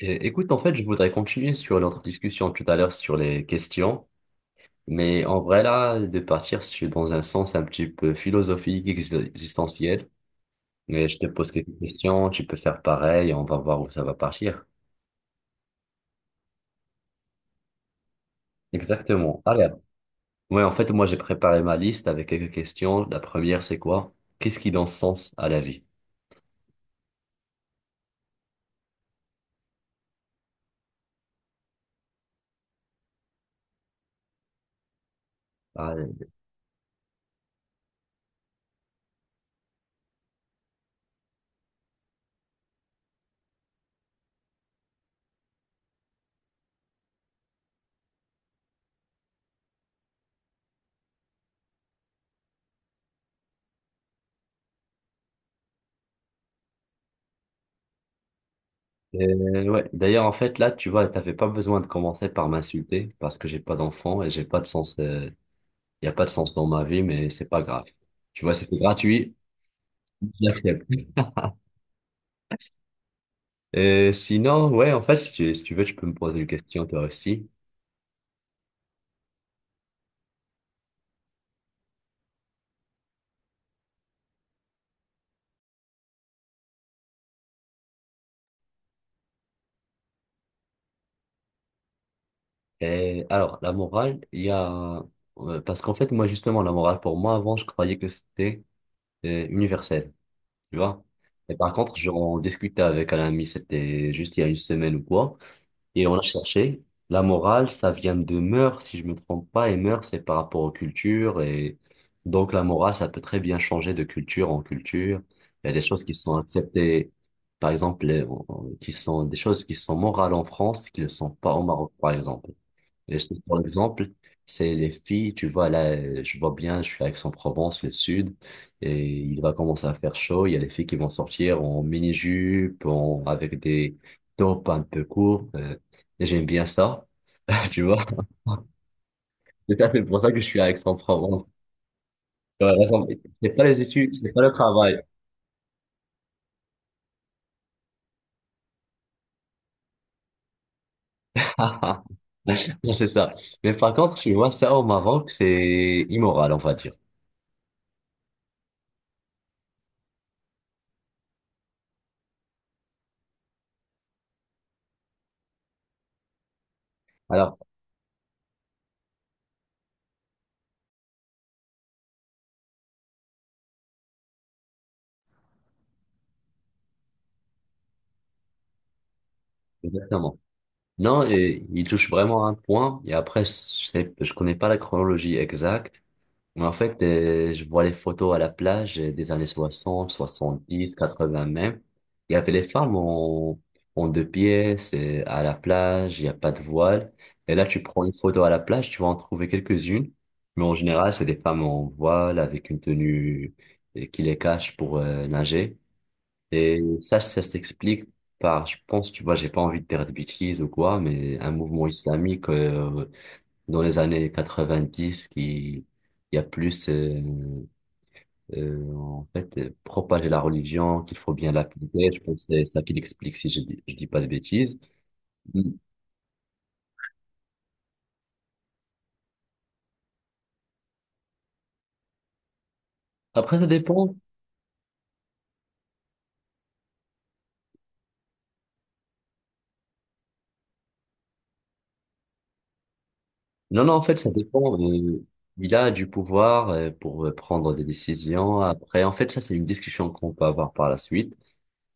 Écoute, en fait, je voudrais continuer sur notre discussion tout à l'heure sur les questions, mais en vrai, là, de partir sur, dans un sens un petit peu philosophique, existentiel. Mais je te pose quelques questions, tu peux faire pareil, on va voir où ça va partir. Exactement. Allez. Ouais, en fait, moi, j'ai préparé ma liste avec quelques questions. La première, c'est quoi? Qu'est-ce qui donne sens à la vie? Allez. Ouais. D'ailleurs, en fait, là, tu vois, t'avais pas besoin de commencer par m'insulter parce que j'ai pas d'enfant et j'ai pas de sens. Il n'y a pas de sens dans ma vie, mais c'est pas grave. Tu vois, c'était gratuit, j'accepte. Sinon, ouais, en fait, si tu veux, tu peux me poser une question, toi aussi. Et alors, la morale, Parce qu'en fait, moi, justement, la morale, pour moi, avant, je croyais que c'était universel, tu vois. Et par contre, j'en discutais avec un ami, c'était juste il y a une semaine ou quoi. Et on a cherché. La morale, ça vient de mœurs, si je me trompe pas. Et mœurs, c'est par rapport aux cultures. Et donc, la morale, ça peut très bien changer de culture en culture. Il y a des choses qui sont acceptées, par exemple, qui sont des choses qui sont morales en France, qui ne le sont pas au Maroc, par exemple. Par exemple, c'est les filles, tu vois, là, je vois bien, je suis à Aix-en-Provence, le sud, et il va commencer à faire chaud. Il y a les filles qui vont sortir en mini-jupe, avec des tops un peu courts, et j'aime bien ça, tu vois. C'est tout à fait pour ça que je suis à Aix-en-Provence. Ouais, vraiment, c'est pas les études, c'est pas le travail. Non, c'est ça. Mais par contre, tu vois, ça au Maroc, c'est immoral, on va dire. Alors, exactement. Non, et il touche vraiment à un point. Et après, je sais, je connais pas la chronologie exacte. Mais en fait, je vois les photos à la plage des années soixante, soixante-dix, quatre 80 même. Il y avait les femmes en, en deux pièces à la plage, il n'y a pas de voile. Et là, tu prends une photo à la plage, tu vas en trouver quelques-unes. Mais en général, c'est des femmes en voile avec une tenue qui les cache pour nager. Et ça s'explique par, je pense, tu vois, j'ai pas envie de dire de bêtises ou quoi, mais un mouvement islamique dans les années 90 qui, il y a plus, en fait, propager la religion, qu'il faut bien l'appliquer. Je pense que c'est ça qui l'explique si je dis, je dis pas de bêtises. Mm. Après, ça dépend. Non, non, en fait, ça dépend. Il a du pouvoir pour prendre des décisions. Après, en fait, ça, c'est une discussion qu'on peut avoir par la suite.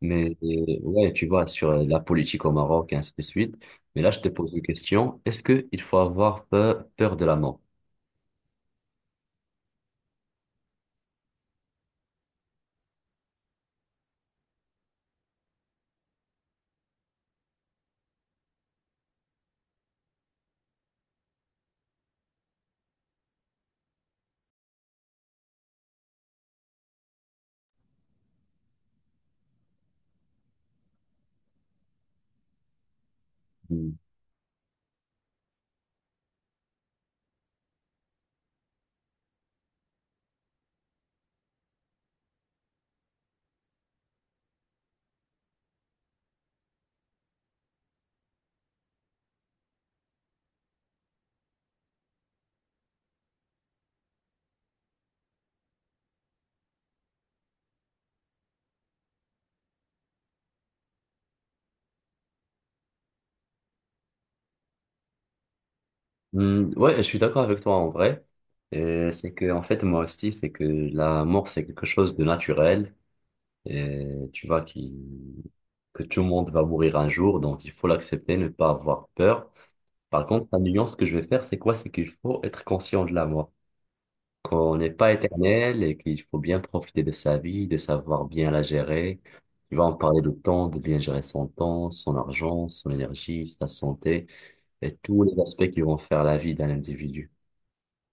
Mais ouais, tu vois, sur la politique au Maroc et ainsi de suite. Mais là, je te pose une question. Est-ce qu'il faut avoir peur de la mort? Hmm. Hmm, ouais, je suis d'accord avec toi en vrai. C'est que, en fait, moi aussi, c'est que la mort, c'est quelque chose de naturel. Et tu vois, qui, que tout le monde va mourir un jour, donc il faut l'accepter, ne pas avoir peur. Par contre, la nuance que je vais faire, c'est quoi? C'est qu'il faut être conscient de la mort, qu'on n'est pas éternel et qu'il faut bien profiter de sa vie, de savoir bien la gérer. Tu vas en parler de temps, de bien gérer son temps, son argent, son énergie, sa santé et tous les aspects qui vont faire la vie d'un individu.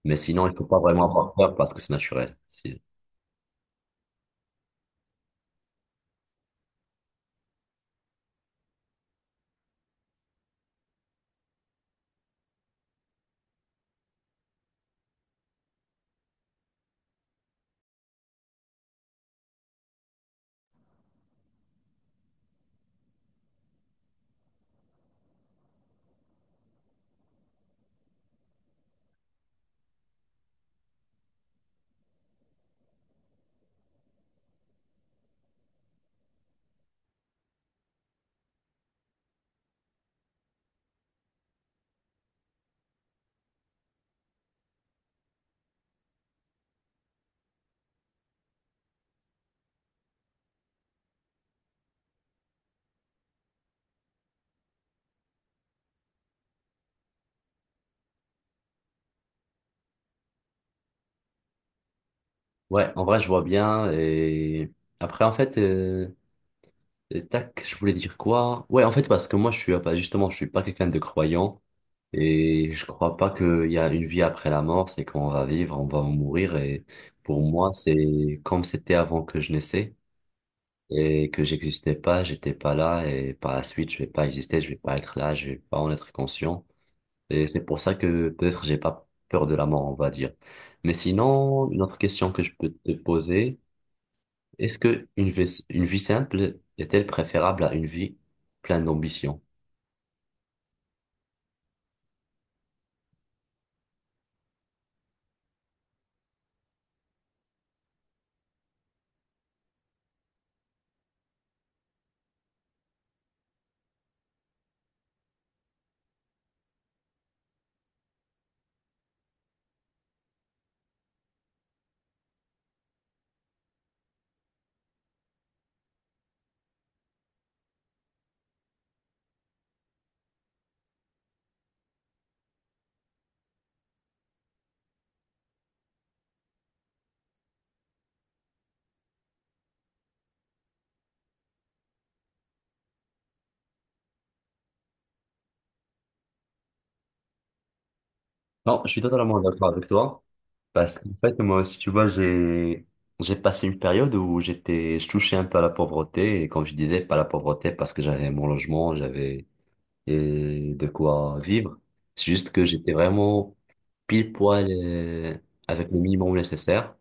Mais sinon, il ne faut pas vraiment avoir peur parce que c'est naturel. Si- Ouais, en vrai, je vois bien. Et après, en fait, tac, je voulais dire quoi? Ouais, en fait, parce que moi, je suis justement, je suis pas quelqu'un de croyant. Et je crois pas qu'il y a une vie après la mort, c'est qu'on va vivre, on va mourir. Et pour moi, c'est comme c'était avant que je naissais et que j'existais pas, j'étais pas là et par la suite, je vais pas exister, je vais pas être là, je vais pas en être conscient. Et c'est pour ça que peut-être j'ai pas peur de la mort, on va dire. Mais sinon, une autre question que je peux te poser, est-ce que une vie simple est-elle préférable à une vie pleine d'ambition? Non, je suis totalement d'accord avec toi. Parce qu'en fait, moi aussi, tu vois, j'ai passé une période où j'étais, je touchais un peu à la pauvreté. Et quand je disais pas la pauvreté, parce que j'avais mon logement, j'avais et de quoi vivre. C'est juste que j'étais vraiment pile poil avec le minimum nécessaire.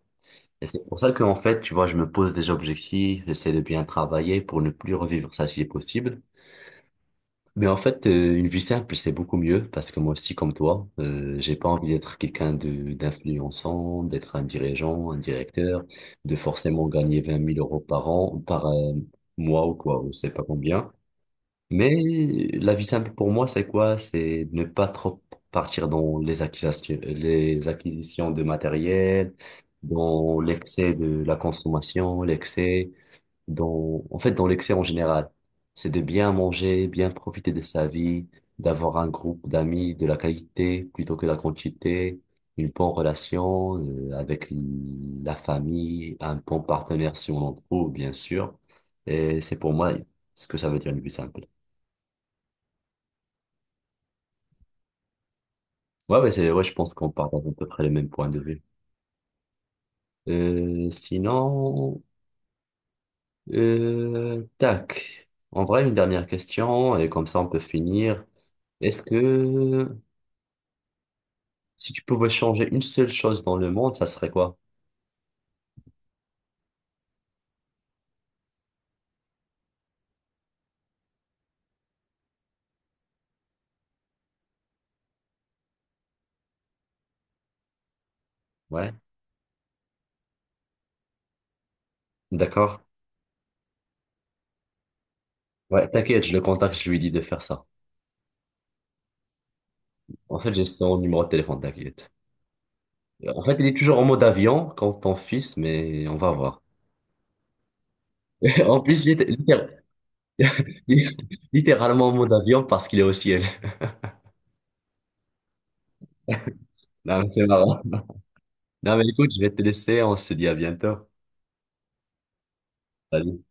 Et c'est pour ça que, en fait, tu vois, je me pose des objectifs, j'essaie de bien travailler pour ne plus revivre ça si possible. Mais en fait, une vie simple, c'est beaucoup mieux parce que moi aussi, comme toi, j'ai pas envie d'être quelqu'un de d'influençant, d'être un dirigeant, un directeur, de forcément gagner 20 000 € par an, par mois ou quoi, ou je sais pas combien. Mais la vie simple pour moi, c'est quoi? C'est ne pas trop partir dans les acquisitions de matériel, dans l'excès de la consommation, l'excès dans, en fait, dans l'excès en général. C'est de bien manger, bien profiter de sa vie, d'avoir un groupe d'amis de la qualité plutôt que la quantité, une bonne relation avec la famille, un bon partenaire si on en trouve, bien sûr. Et c'est pour moi ce que ça veut dire le plus simple. Ouais, mais c'est, ouais, je pense qu'on partage à peu près les mêmes points de vue. Euh, sinon, Tac. En vrai, une dernière question, et comme ça on peut finir. Est-ce que si tu pouvais changer une seule chose dans le monde, ça serait quoi? Ouais, d'accord. Ouais, t'inquiète, je le contacte, je lui dis de faire ça. En fait, j'ai son numéro de téléphone, t'inquiète. En fait, il est toujours en mode avion quand ton fils, mais on va voir. En plus, il est littér- littéralement en mode avion parce qu'il est au ciel. Non, mais c'est marrant. Non, mais écoute, je vais te laisser, on se dit à bientôt. Salut.